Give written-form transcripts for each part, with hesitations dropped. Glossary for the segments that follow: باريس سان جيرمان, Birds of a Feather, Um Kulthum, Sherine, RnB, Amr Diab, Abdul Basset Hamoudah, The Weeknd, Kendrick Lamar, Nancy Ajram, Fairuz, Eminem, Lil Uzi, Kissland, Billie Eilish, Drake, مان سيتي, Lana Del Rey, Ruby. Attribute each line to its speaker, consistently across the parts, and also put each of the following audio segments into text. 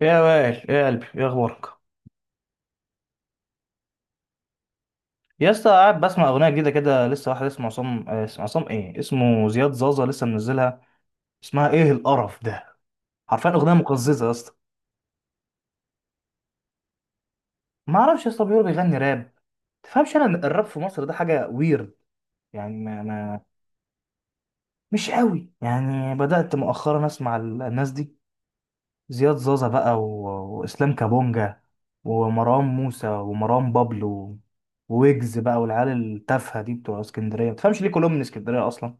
Speaker 1: يا وائل يا قلبي يا اخبارك. يا اسطى، قاعد بسمع اغنيه جديده كده لسه، واحد اسمه عصام، اسمه عصام، ايه اسمه، زياد زازا لسه منزلها. اسمها ايه القرف ده؟ حرفيا اغنيه مقززه يا اسطى. ما اعرفش يا اسطى، بيقول بيغني راب. تفهمش انا إن الراب في مصر ده حاجه ويرد، يعني ما, ما مش قوي، يعني بدات مؤخرا اسمع الناس دي، زياد زازا بقى و... واسلام كابونجا، ومروان موسى، ومروان بابلو، ويجز بقى، والعيال التافهه دي، بتوع اسكندريه. ما تفهمش ليه كلهم من اسكندريه اصلا؟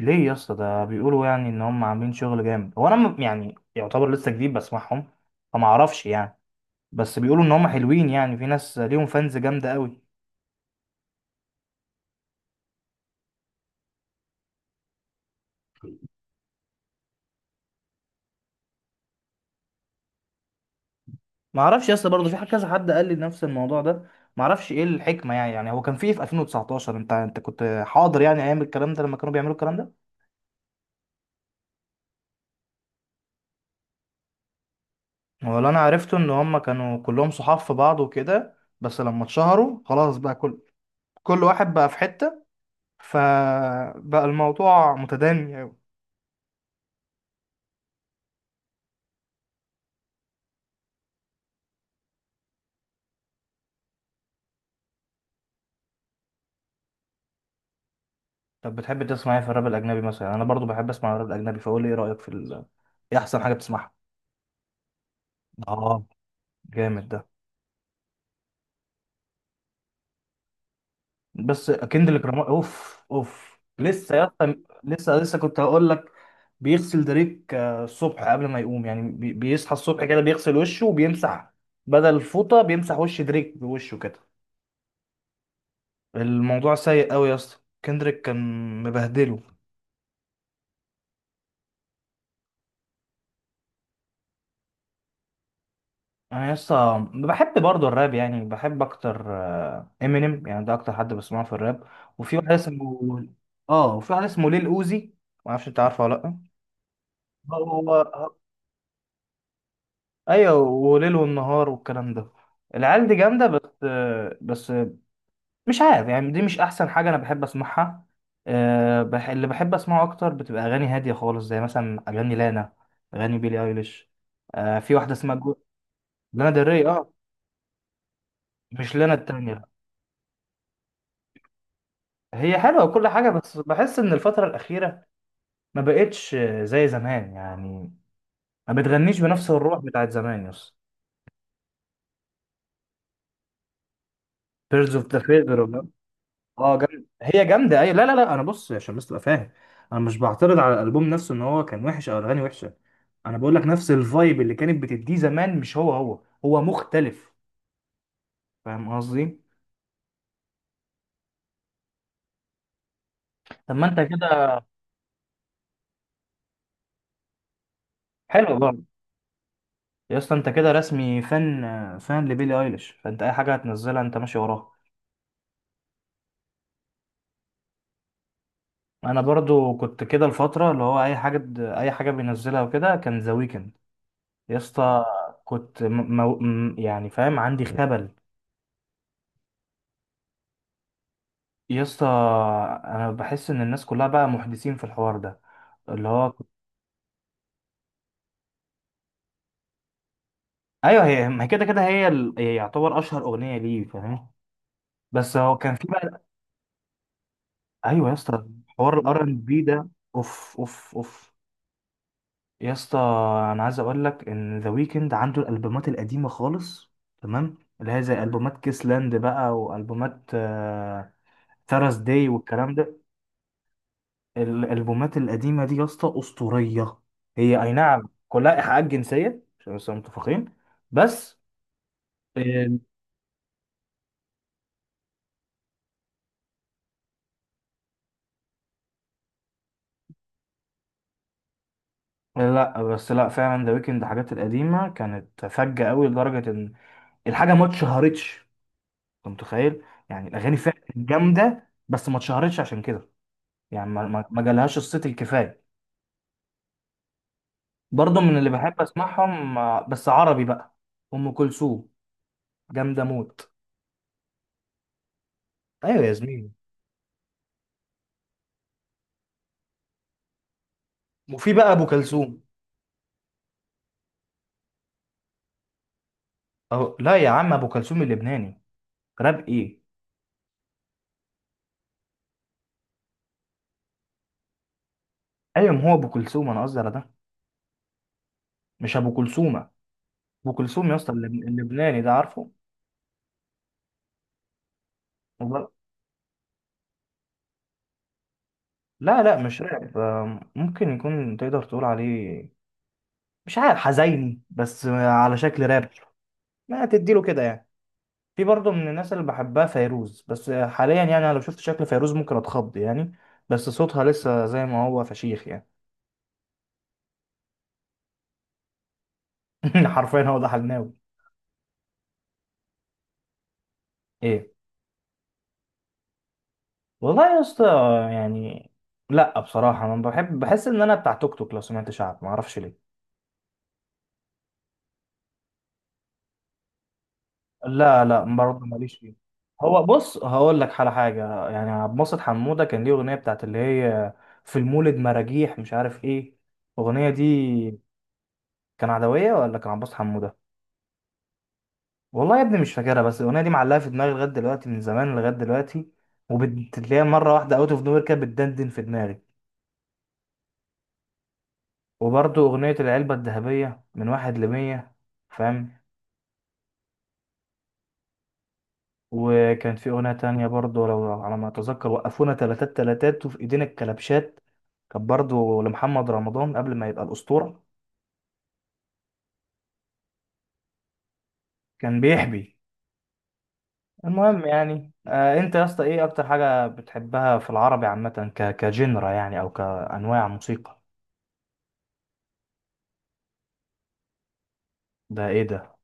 Speaker 1: ليه يا اسطى؟ ده بيقولوا يعني ان هم عاملين شغل جامد. هو انا يعني يعتبر لسه جديد بسمعهم، فما اعرفش يعني. بس بيقولوا ان هم حلوين، يعني في ناس ليهم فانز جامده قوي. ما اعرفش يا اسطى، برضه في كذا حد قال لي نفس الموضوع ده. ما اعرفش ايه الحكمه يعني. هو كان في إيه في 2019؟ انت كنت حاضر يعني ايام الكلام ده، لما كانوا بيعملوا الكلام ده؟ ولا انا عرفته ان هم كانوا كلهم صحاب في بعض وكده، بس لما اتشهروا خلاص بقى كل واحد بقى في حته، فبقى الموضوع متدني. طب بتحب تسمع ايه في الراب الاجنبي مثلا؟ يعني انا برضو بحب اسمع الراب الاجنبي، فقول لي ايه رايك في ايه احسن حاجه بتسمعها؟ اه، جامد ده. بس كندريك لامار، اوف اوف لسه يا اسطى. لسه كنت هقول لك. بيغسل دريك الصبح، قبل ما يقوم يعني، بيصحى الصبح كده بيغسل وشه وبيمسح، بدل الفوطه بيمسح وش دريك بوشه كده. الموضوع سيء قوي يا اسطى. كندريك كان مبهدله. انا يسطا بحب برضه الراب، يعني بحب اكتر امينيم، يعني ده اكتر حد بسمعه في الراب. وفي واحد اسمه، اه، وفي واحد اسمه ليل اوزي. ما اعرفش انت عارفه ولا لا؟ هو ايوه، وليل والنهار والكلام ده. العيال دي جامده، بس مش عارف يعني، دي مش احسن حاجه انا بحب اسمعها. اللي بحب اسمعه اكتر بتبقى اغاني هاديه خالص، زي مثلا اغاني لانا، اغاني بيلي ايليش. في واحده اسمها جو... لانا دري، اه. مش لانا التانية. هي حلوة وكل حاجة، بس بحس إن الفترة الأخيرة ما بقتش زي زمان، يعني ما بتغنيش بنفس الروح بتاعت زمان يس. بيردز اوف ذا فيذر، اه جامد، هي جامدة أيوة. لا لا لا، أنا بص عشان بس تبقى فاهم، أنا مش بعترض على الألبوم نفسه إن هو كان وحش أو الأغاني وحشة. أنا بقول لك نفس الفايب اللي كانت بتديه زمان مش هو، هو مختلف. فاهم قصدي؟ طب ما أنت كده. حلو برضه. يا اسطى أنت كده رسمي فان فان لبيلي أيليش، فأنت أي حاجة هتنزلها أنت ماشي وراها. انا برضو كنت كده الفتره، اللي هو اي حاجه بينزلها وكده، كان ذا ويكند يا اسطى. كنت يعني فاهم عندي خبل. يا اسطى، انا بحس ان الناس كلها بقى محدثين في الحوار ده، اللي هو كنت- ايوه، هي ما هي كده كده، هي هي يعتبر اشهر اغنيه ليه، فاهم. بس هو كان في بقى. ايوه يا اسطى، حوار الار ان بي ده، اوف اوف اوف. يا اسطى انا عايز اقول لك ان ذا ويكند عنده الالبومات القديمه خالص، تمام، اللي هي زي البومات كيسلاند بقى، والبومات ثراس داي والكلام ده. الالبومات القديمه دي يا اسطى اسطوريه. هي اي نعم كلها ايحاءات جنسيه عشان بس نبقى متفقين، بس. إيه، لا بس لا، فعلا ذا ويكند الحاجات القديمه كانت فجه قوي، لدرجه ان الحاجه ما اتشهرتش، انت متخيل. يعني الاغاني فعلا جامده بس ما اتشهرتش عشان كده، يعني ما جالهاش الصيت الكفايه. برضه من اللي بحب اسمعهم، بس عربي بقى، ام كلثوم، جامده موت. ايوه يا زميلي. وفي بقى ابو كلثوم. أو لا يا عم، ابو كلثوم اللبناني، راب ايه؟ ايوه، ما هو ابو كلثوم انا قصدي على ده، مش ابو كلثومه. ابو كلثوم يا اسطى، اللبناني ده، عارفه؟ وب- لا لا، مش راب، ممكن يكون، تقدر تقول عليه مش عارف، حزيني بس على شكل راب، ما تديله كده يعني. في برضه من الناس اللي بحبها فيروز، بس حاليا يعني انا لو شفت شكل فيروز ممكن اتخض يعني، بس صوتها لسه زي ما هو فشيخ يعني. حرفيا هو ده حلناوي. ايه والله يا اسطى، يعني، لا بصراحة انا بحب، بحس ان انا بتاع توك توك، لو سمعت شعب ما اعرفش ليه. لا لا، برضه ماليش فيه. هو بص، هقول لك على حاجة. يعني عبد الباسط حمودة كان ليه اغنية بتاعت اللي هي في المولد مراجيح مش عارف ايه، الاغنية دي، كان عدوية ولا كان عبد الباسط حمودة؟ والله يا ابني مش فاكرها، بس الاغنيه دي معلقه في دماغي لغايه دلوقتي، من زمان لغايه دلوقتي، وبتلاقيها مره واحده اوت اوف نوير كده بتدندن في دماغي. وبرضه اغنيه العلبه الذهبيه من واحد لمية، فاهم. وكان في اغنيه تانية برضه، لو على ما اتذكر، وقفونا تلاتات تلاتات وفي ايدينا الكلبشات، كان برضه لمحمد رمضان قبل ما يبقى الاسطوره، كان بيحبي. المهم يعني، انت يا اسطى ايه اكتر حاجه بتحبها في العربي عامه، كجنرا يعني، او كانواع موسيقى؟ ده ايه ده؟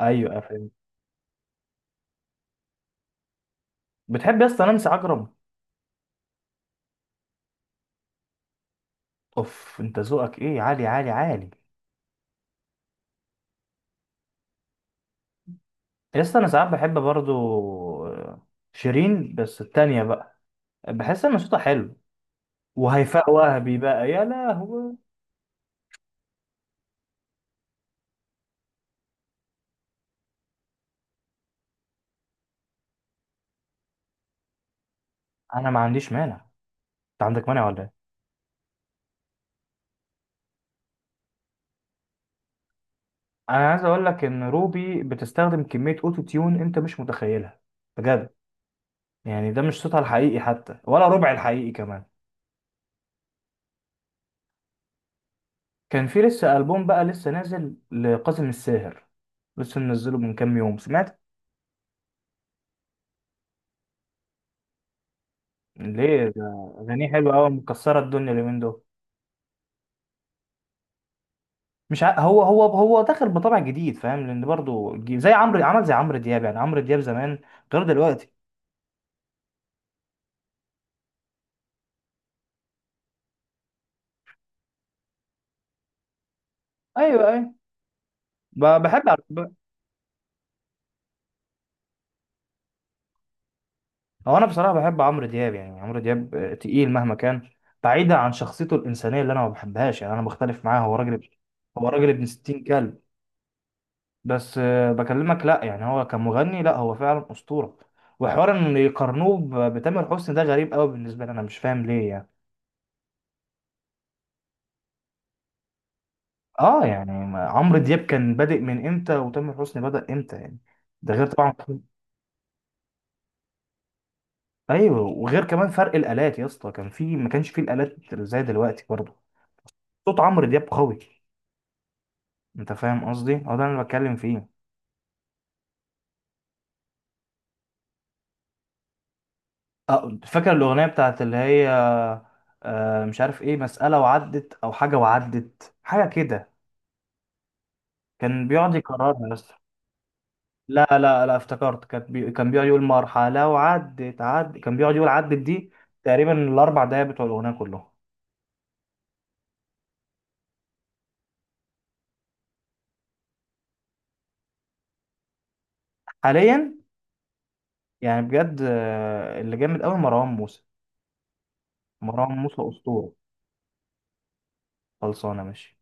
Speaker 1: ايوه، بتحب يا اسطى نانسي عجرم؟ اوف، انت ذوقك ايه عالي عالي عالي. يا اسطى انا ساعات بحب برضو، آه، شيرين بس التانية بقى، بحس ان صوتها حلو. وهيفاء وهبي بقى يا لهوي. انا ما عنديش مانع، انت عندك مانع ولا ايه؟ انا عايز اقول لك ان روبي بتستخدم كمية اوتو تيون انت مش متخيلها، بجد. يعني ده مش صوتها الحقيقي حتى ولا ربع الحقيقي كمان. كان في لسه ألبوم بقى، لسه نازل لقاسم الساهر، لسه منزله من كام يوم، سمعت. ليه ده؟ اغانيه حلوه قوي مكسره الدنيا اليومين دول. مش ع... هو هو داخل بطبع جديد، فاهم، لان برضو زي عمرو، عمل زي عمرو دياب، يعني عمرو دياب زمان غير دلوقتي. ايوه ايوه، ب... بحب على- ب... هو انا بصراحه بحب عمرو دياب. يعني عمرو دياب تقيل مهما كان، بعيدا عن شخصيته الانسانيه اللي انا ما بحبهاش، يعني انا مختلف معاه، هو راجل، هو راجل ابن 60 كلب. بس بكلمك، لا يعني، هو كمغني لا، هو فعلا اسطوره. وحوار ان يقارنوه بتامر حسني ده غريب قوي بالنسبه لي، انا مش فاهم ليه يعني. اه يعني عمرو دياب كان بادئ من امتى، وتامر حسني بدأ امتى يعني؟ ده غير طبعا. ايوه، وغير كمان فرق الالات يا اسطى، كان في، ما كانش في الالات زي دلوقتي برضه. صوت عمرو دياب قوي، انت فاهم قصدي، هو ده اللي انا بتكلم فيه. اه فاكر الاغنيه بتاعت اللي هي، مش عارف ايه، مساله وعدت او حاجه، وعدت حاجه كده، كان بيقعد يكررها يا اسطى. لا لا لا، افتكرت كان كان بيقعد يقول مرحله وعدت عدت، كان بيقعد يقول عدت دي تقريبا الاربع دقايق بتوع الاغنيه كلهم. حاليا يعني بجد، اللي جامد قوي مروان موسى. مروان موسى اسطوره. خلصانه ماشي.